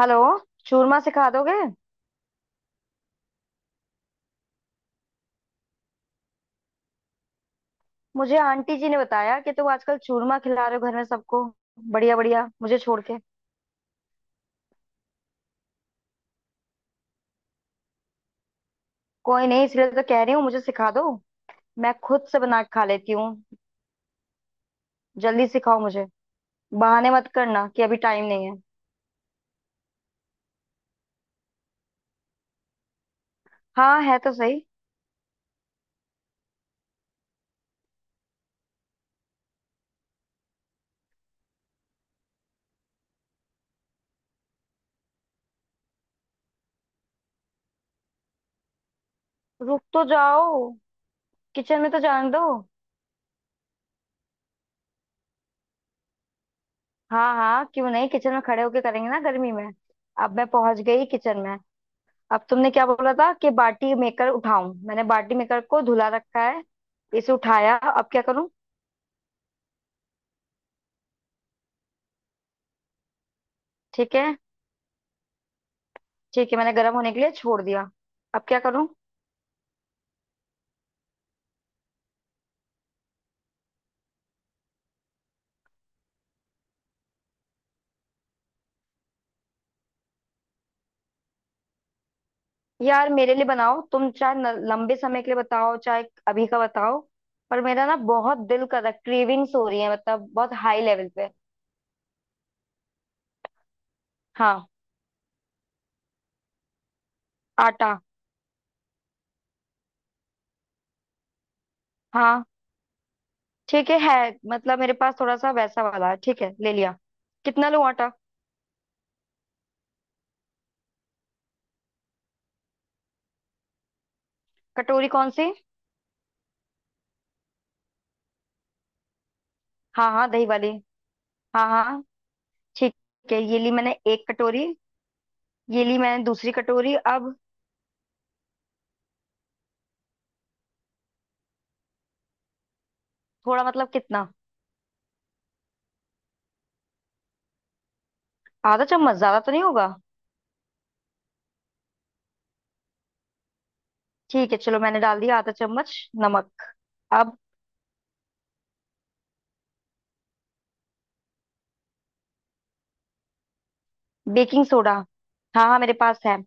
Hello. Churma सिखा दोगे? मुझे आंटी जी ने बताया कि तुम आजकल चूरमा खिला रहे हो घर में सबको। बढ़िया बढ़िया, मुझे छोड़ के। कोई नहीं, इसलिए तो कह रही हूँ, मुझे सिखा दो। मैं खुद से बना के खा लेती हूँ। जल्दी सिखाओ मुझे। बहाने मत करना कि अभी टाइम नहीं है। हाँ है तो सही। रुक तो जाओ, किचन में तो जाने दो। हाँ हाँ, क्यों नहीं, किचन में खड़े होके करेंगे ना गर्मी में। अब मैं पहुंच गई किचन में। अब तुमने क्या बोला था कि बाटी मेकर उठाऊं? मैंने बाटी मेकर को धुला रखा है। इसे उठाया, अब क्या करूं? ठीक है। ठीक है मैंने गर्म होने के लिए छोड़ दिया। अब क्या करूं? यार, मेरे लिए बनाओ, तुम चाहे न- लंबे समय के लिए बताओ, चाहे अभी का बताओ। पर मेरा ना बहुत दिल कर रहा, क्रेविंग्स हो रही है, मतलब बहुत हाई लेवल पे। हाँ। आटा। हाँ ठीक है, मतलब मेरे पास थोड़ा सा वैसा वाला है। ठीक है, ले लिया। कितना लूं आटा? कटोरी कौन सी? हाँ हाँ, दही वाली। हाँ हाँ। ठीक है, ये ली मैंने एक कटोरी। ये ली मैंने दूसरी कटोरी। अब? थोड़ा मतलब कितना? आधा चम्मच ज्यादा तो नहीं होगा? ठीक है चलो, मैंने डाल दिया आधा चम्मच नमक। अब? Baking soda. हाँ हाँ मेरे पास है।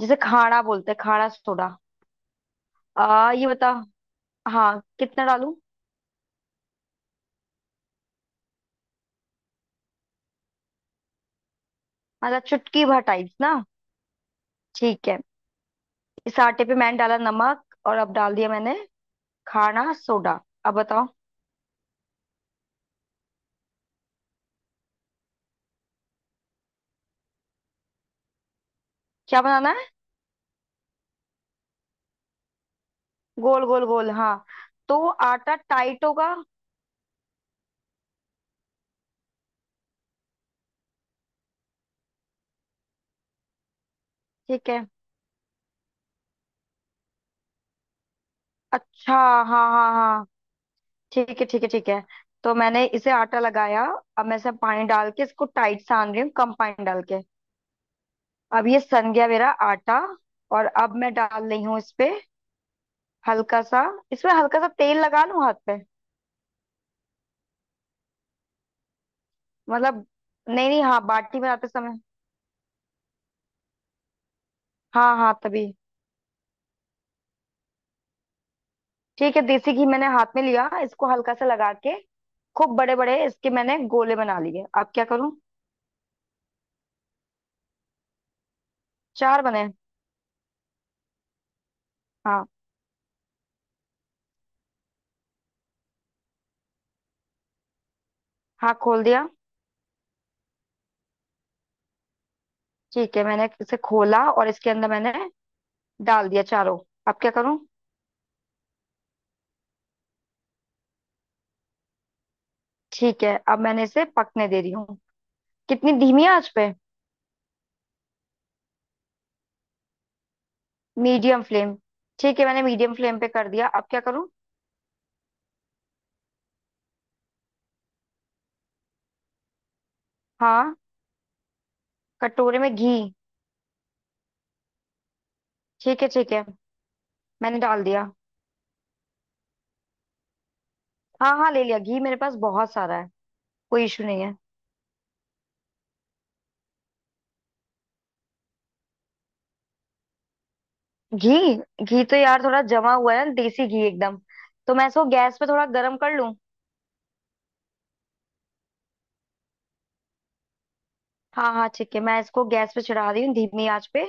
जिसे खाड़ा बोलते हैं, खाड़ा सोडा। आ ये बता, हाँ कितना डालूं? मतलब चुटकी भर टाइप ना? ठीक है। इस आटे पे मैंने डाला नमक, और अब डाल दिया मैंने खाड़ा सोडा। अब बताओ। क्या बनाना है? गोल गोल गोल, हाँ। तो आटा टाइट होगा? ठीक है। अच्छा। हाँ हाँ हाँ, ठीक है ठीक है ठीक है। तो मैंने इसे आटा लगाया। अब मैं इसमें पानी डाल के इसको टाइट सान रही हूँ, कम पानी डाल के। अब ये सन गया मेरा आटा। और अब मैं डाल रही हूँ इस पे हल्का सा। इसमें हल्का सा तेल लगा लूं हाथ पे? मतलब, नहीं नहीं, हाँ बाटी बनाते समय। हाँ हाँ तभी। ठीक है, देसी घी मैंने हाथ में लिया, इसको हल्का सा लगा के खूब बड़े बड़े इसके मैंने गोले बना लिए। अब क्या करूं? चार बने। हाँ। हाँ खोल दिया। ठीक है मैंने इसे खोला, और इसके अंदर मैंने डाल दिया चारों। अब क्या करूं? ठीक है, अब मैंने इसे पकने दे रही हूँ। कितनी धीमी आंच पे? Medium flame. ठीक है, मैंने मीडियम फ्लेम पे कर दिया। अब क्या करूँ? हाँ। कटोरे में घी। ठीक है ठीक है, मैंने डाल दिया। हाँ हाँ, ले लिया घी, मेरे पास बहुत सारा है। कोई इशू नहीं है। घी? घी तो यार थोड़ा जमा हुआ है ना, देसी घी एकदम। तो मैं इसको गैस पे थोड़ा गर्म कर लूँ? हाँ हाँ ठीक है, मैं इसको गैस पे चढ़ा रही हूँ धीमी आंच पे।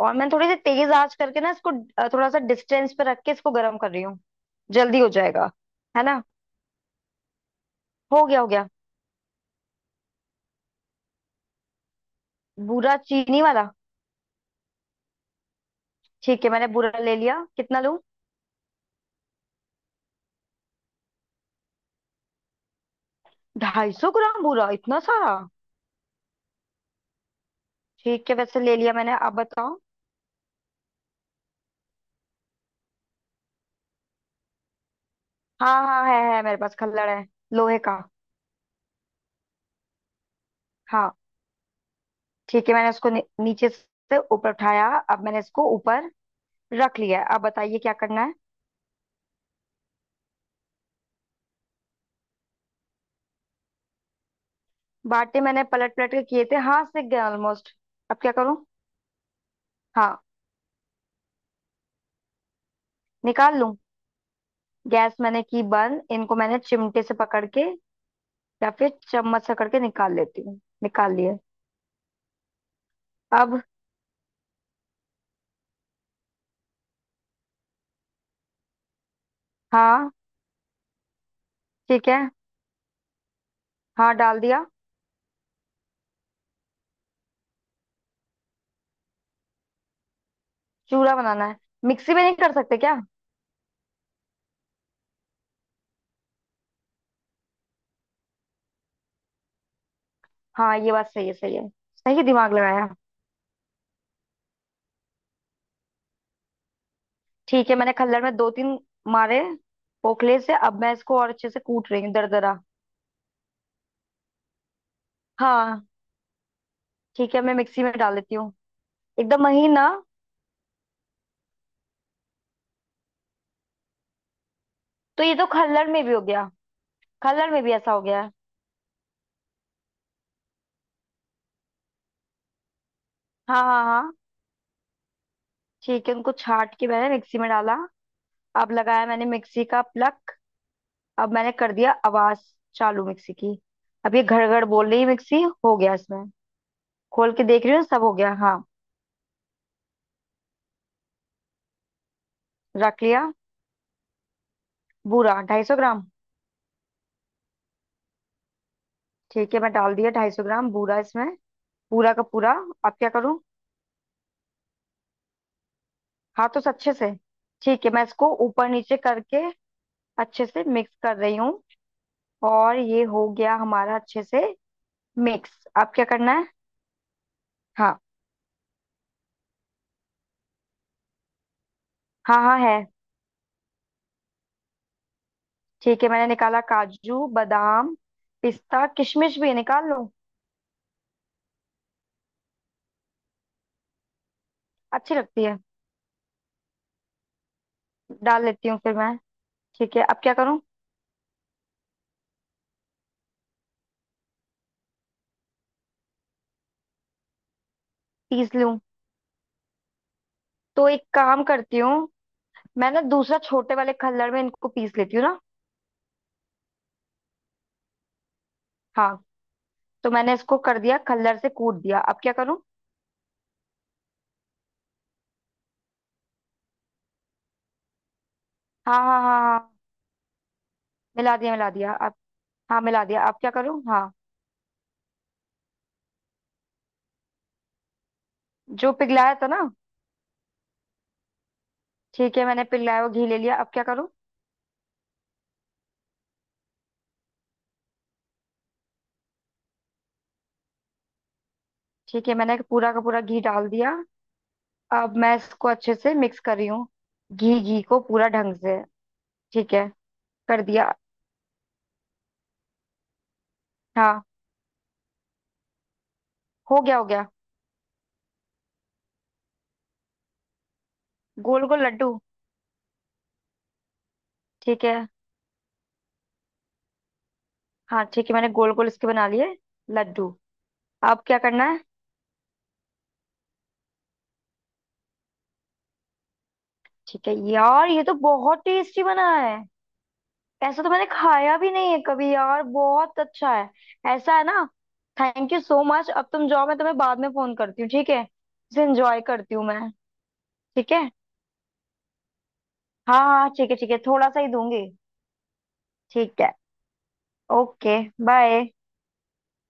और मैं थोड़ी सी तेज आंच करके ना इसको थोड़ा सा डिस्टेंस पे रख के इसको गर्म कर रही हूँ, जल्दी हो जाएगा, है ना? हो गया हो गया। बुरा चीनी वाला? ठीक है मैंने बुरा ले लिया। कितना लूं? 250 ग्राम बुरा? इतना सारा? ठीक है, वैसे ले लिया मैंने। अब बताओ। हाँ हाँ है, मेरे पास खल्लड़ है, लोहे का। हाँ। ठीक है, मैंने उसको नीचे से ऊपर उठाया, अब मैंने इसको ऊपर रख लिया है। अब बताइए क्या करना है। बाटे मैंने पलट पलट के किए थे, हाँ सिक गए ऑलमोस्ट। अब क्या करूं? हाँ। निकाल लूं? गैस मैंने की बंद, इनको मैंने चिमटे से पकड़ के या फिर चम्मच से करके निकाल लेती हूँ। निकाल लिए। अब? हाँ ठीक है। हाँ डाल दिया। चूड़ा बनाना है? मिक्सी में नहीं कर सकते क्या? हाँ ये बात सही है, सही है। सही दिमाग लगाया। ठीक है, मैंने खल्लड़ में दो तीन मारे पोखले से, अब मैं इसको और अच्छे से कूट रही हूँ दरदरा। हाँ ठीक है, मैं मिक्सी में डाल देती हूँ। एकदम महीना। तो ये तो खल्लड़ में भी हो गया। खल्लड़ में भी ऐसा हो गया है। हाँ हाँ हाँ। ठीक है, उनको छाट के मैंने मिक्सी में डाला। अब लगाया मैंने मिक्सी का प्लग। अब मैंने कर दिया आवाज चालू मिक्सी की। अब ये घड़ घड़ बोल रही है मिक्सी, हो गया इसमें। खोल के देख रही हूँ, सब हो गया हाँ। रख लिया। बूरा 250 ग्राम। ठीक है, मैं डाल दिया 250 ग्राम बूरा इसमें, पूरा का पूरा। अब क्या करूँ? हाथों से अच्छे से? ठीक है, मैं इसको ऊपर नीचे करके अच्छे से मिक्स कर रही हूँ। और ये हो गया हमारा अच्छे से मिक्स। अब क्या करना है? हाँ हाँ, हाँ है। ठीक है मैंने निकाला काजू बादाम। पिस्ता किशमिश भी है, निकाल लो? अच्छी लगती है। डाल लेती हूँ फिर मैं। ठीक है, अब क्या करूँ? पीस लूँ? तो एक काम करती हूँ, मैं ना दूसरा छोटे वाले खल्लड़ में इनको पीस लेती हूँ ना। हाँ। तो मैंने इसको कर दिया, कलर से कूट दिया। अब क्या करूँ? हाँ हाँ हाँ हाँ। मिला दिया मिला दिया। अब? हाँ मिला दिया। अब क्या करूँ? हाँ जो पिघलाया था ना। ठीक है, मैंने पिघलाया हुआ घी ले लिया। अब क्या करूँ? ठीक है, मैंने पूरा का पूरा घी डाल दिया। अब मैं इसको अच्छे से मिक्स कर रही हूँ, घी घी को पूरा ढंग से। ठीक है, कर दिया। हाँ हो गया हो गया। गोल गोल लड्डू। ठीक है। हाँ ठीक है, मैंने गोल गोल इसके बना लिए लड्डू। अब क्या करना है? ठीक है यार, ये तो बहुत टेस्टी बना है। ऐसा तो मैंने खाया भी नहीं है कभी, यार बहुत अच्छा है। ऐसा है ना। Thank you so much. अब तुम जाओ, मैं तुम्हें बाद में फोन करती हूँ, ठीक है? इसे एंजॉय करती हूँ मैं। ठीक है। हाँ हाँ ठीक है, ठीक है, थोड़ा सा ही दूंगी। ठीक है। ओके। बाय।